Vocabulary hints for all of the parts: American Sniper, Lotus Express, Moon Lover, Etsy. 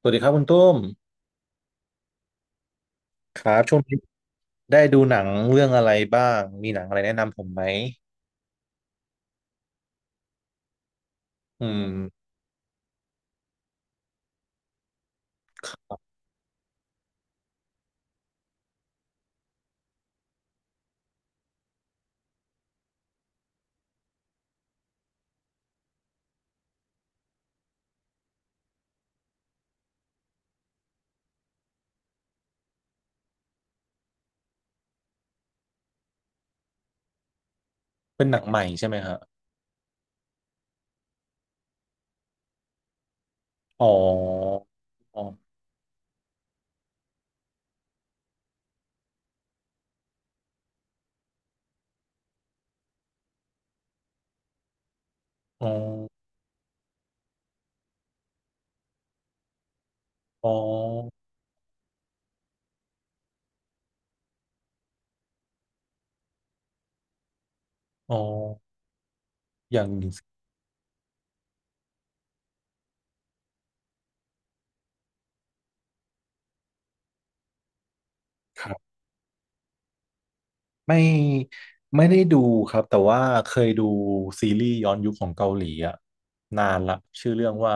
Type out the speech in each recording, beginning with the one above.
สวัสดีครับคุณตุ้มครับช่วงนี้ได้ดูหนังเรื่องอะไรบ้างมีหนังอะไรแนะนำผมไหมอืมเป็นหนังใหม่ใช่ไหมฮะอ๋ออ๋ออ๋ออ๋ออ๋ออย่างครับไม่ไม่ได้ดูครับแต่ว่าเคยดูซีรีส์ย้อนยุคของเกาหลีอะนานละชื่อเรื่องว่า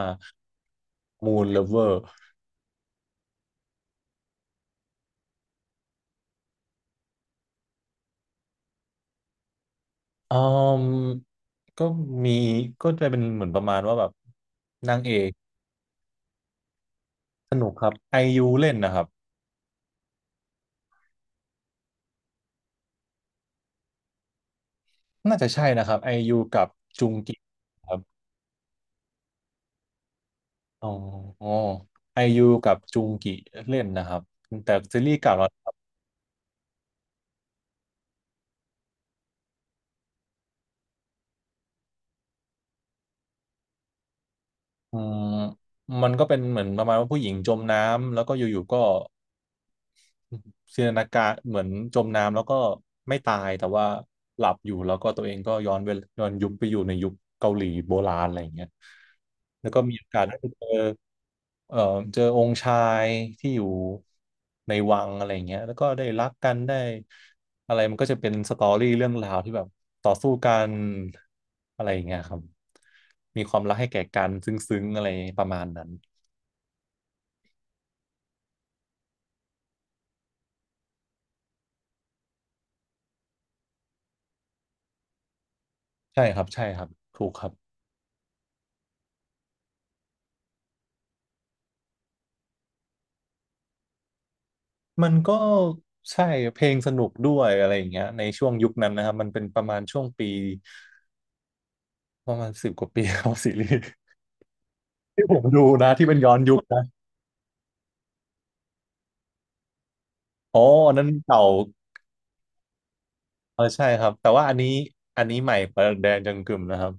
Moon Lover อืมก็มีก็จะเป็นเหมือนประมาณว่าแบบนางเอกสนุกครับไอยูเล่นนะครับ น่าจะใช่นะครับไอยูกับจุงกิครับอ๋อไอยูกับจุงกิเล่นนะครับ แต่ซีรีส์เก่าแล้วนะครับอืมมันก็เป็นเหมือนประมาณว่าผู้หญิงจมน้ำแล้วก็อยู่ๆก็ จินตนาการเหมือนจมน้ำแล้วก็ไม่ตายแต่ว่าหลับอยู่แล้วก็ตัวเองก็ย้อนยุคไปอยู่ในยุคเกาหลีโบราณอะไรอย่างเงี้ยแล้วก็มีโอกาสได้ไปเจอเอ่อเจอองค์ชายที่อยู่ในวังอะไรอย่างเงี้ยแล้วก็ได้รักกันได้อะไรมันก็จะเป็นสตอรี่เรื่องราวที่แบบต่อสู้กันอะไรอย่างเงี้ยครับมีความรักให้แก่กันซึ้งๆอะไรประมาณนั้นใช่ครับถูกครับ มันก็ใช่เพลงสนุกด้วยอะไรอย่างเงี้ยในช่วงยุคนั้นนะครับมันเป็นประมาณช่วงปีประมาณสิบกว่าปี ของซีรีส์ที่ผมดูนะที่เป็นย้อนยุคนะอ๋ออันนั้นเก่าเออใช่ครับแต่ว่าอันนี้ใหม่ประแดงจังกึมนะครับ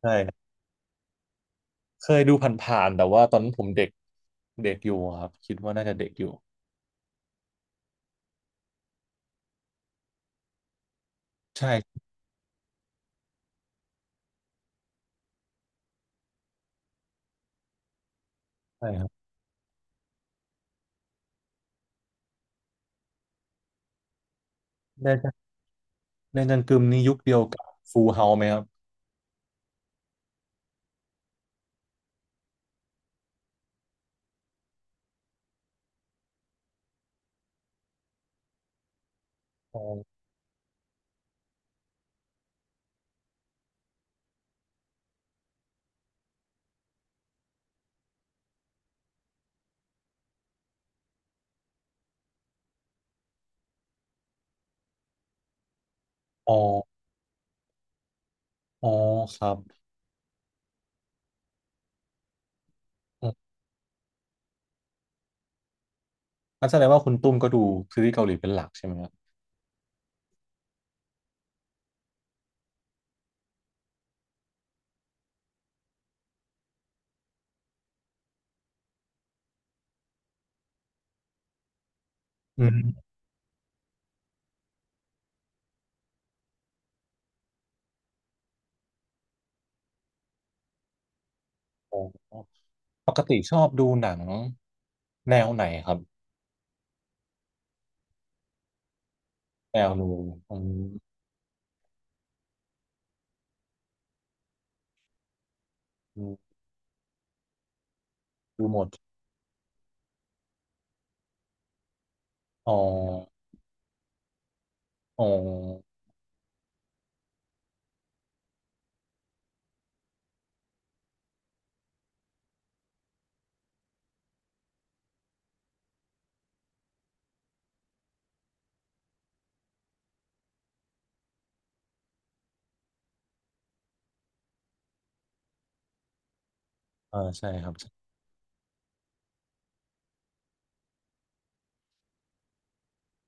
ใช่ครับเคยดูผ่านๆแต่ว่าตอนนั้นผมเด็กเด็กอยู่ครับคิดว่าน่าจะเด็กอยู่ใช่ใช่ครับแดงจังแดงจังกึมนี่ยุคเดียวกับฟูเฮาไหมครับอ๋ออ๋ออ๋อครับอืมอันแสดงว่าคุณตุ้มก็ดูซีรีส์เกาหลีเป็นหลักใช่ไหม อืมโอ้ปกติชอบดูหนังแนวไหนครับแนวดูอืมอืมดูหมดอ๋ออ๋ออ่าใช่ครับ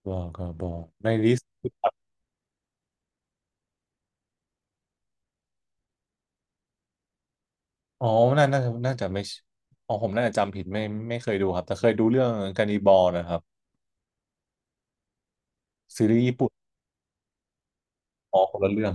บอกก็บอกในลิสต์อ๋อน่าน่าน่าจะไม่ใช่อ๋อผมน่าจะจำผิดไม่เคยดูครับแต่เคยดูเรื่องการนิบอลนะครับซีรีส์ญี่ปุ่นอ๋อคนละเรื่อง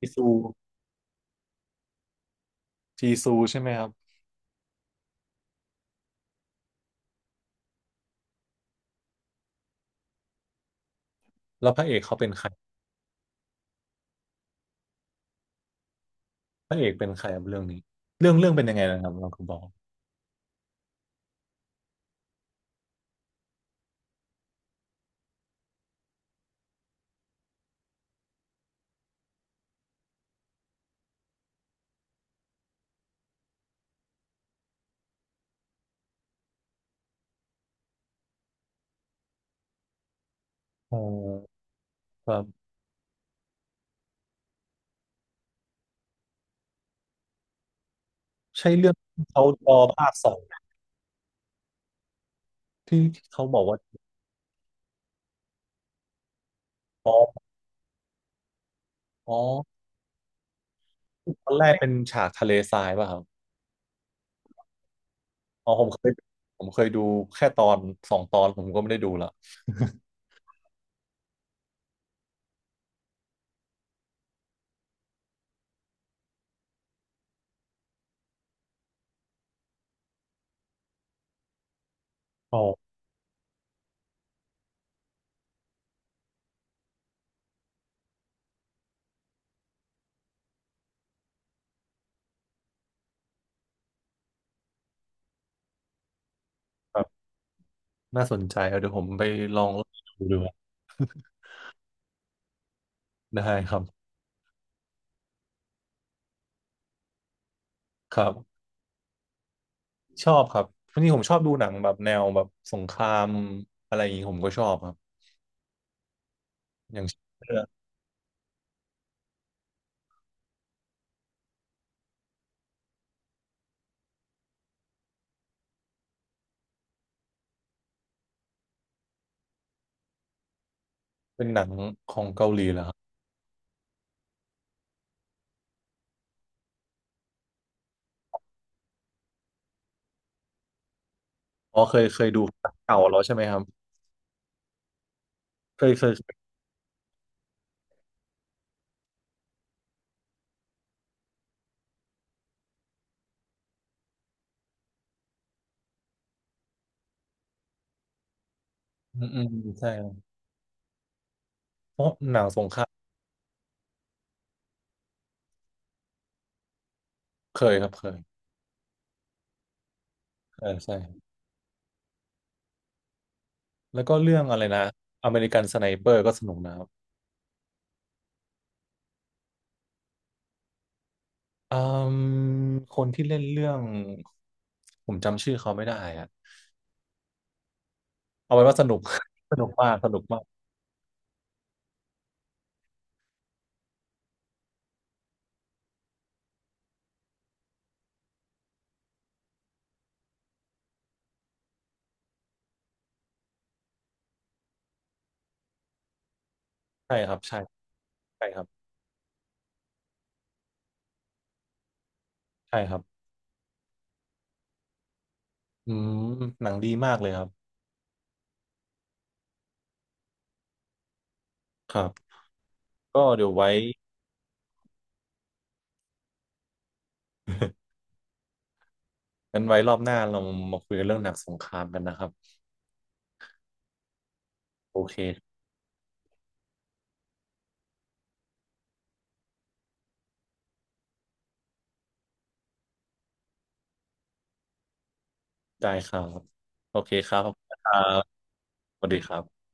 จีซูจีซู ใช่ไหมครับแล้วพระเอกเขาเป็นใครพระเอกเป็นใครครับเรื่องนี้เรื่องเป็นยังไงนะครับเราก็บอกอ๋อครับใช่เรื่องที่เขารอภาคสอง ที่เขาบอกว่าอ๋ออ๋อตอนแรกเป็นฉากทะเลทรายป่ะครับอ๋อผมเคยผมเคยดูแค่ตอนสองตอนผมก็ไม่ได้ดูละ อ๋อครับน่าสนใจเอาเดี๋ยวผมไปลองดูดูได้ครับครับชอบครับวันนี้ผมชอบดูหนังแบบแนวแบบสงครามอะไรอย่างนี้ผมก็ชอบครับอย่างเช่นเป็นหนังของเกาหลีเหรอครับอ๋อเคยเคยดูเก่าแล้วใช่ไหมครับเคยเคยเคยอืมอืมใช่ครับเพราะหนังสงครามเคยครับเคยเออใช่ แล้วก็เรื่องอะไรนะอเมริกันสไนเปอร์ก็สนุกนะครับอืมคนที่เล่นเรื่องผมจำชื่อเขาไม่ได้อะเอาไว้ว่าสนุก สนุกมากสนุกมากใช่ครับใช่ใช่ครับใช่ครับอืมหนังดีมากเลยครับครับก็เดี๋ยวไว้ งั้นไว้รอบหน้าเรามาคุยกันเรื่องหนังสงครามกันนะครับโอเคได้ครับโอเคครับขอบคุณครับสวัสดีครับ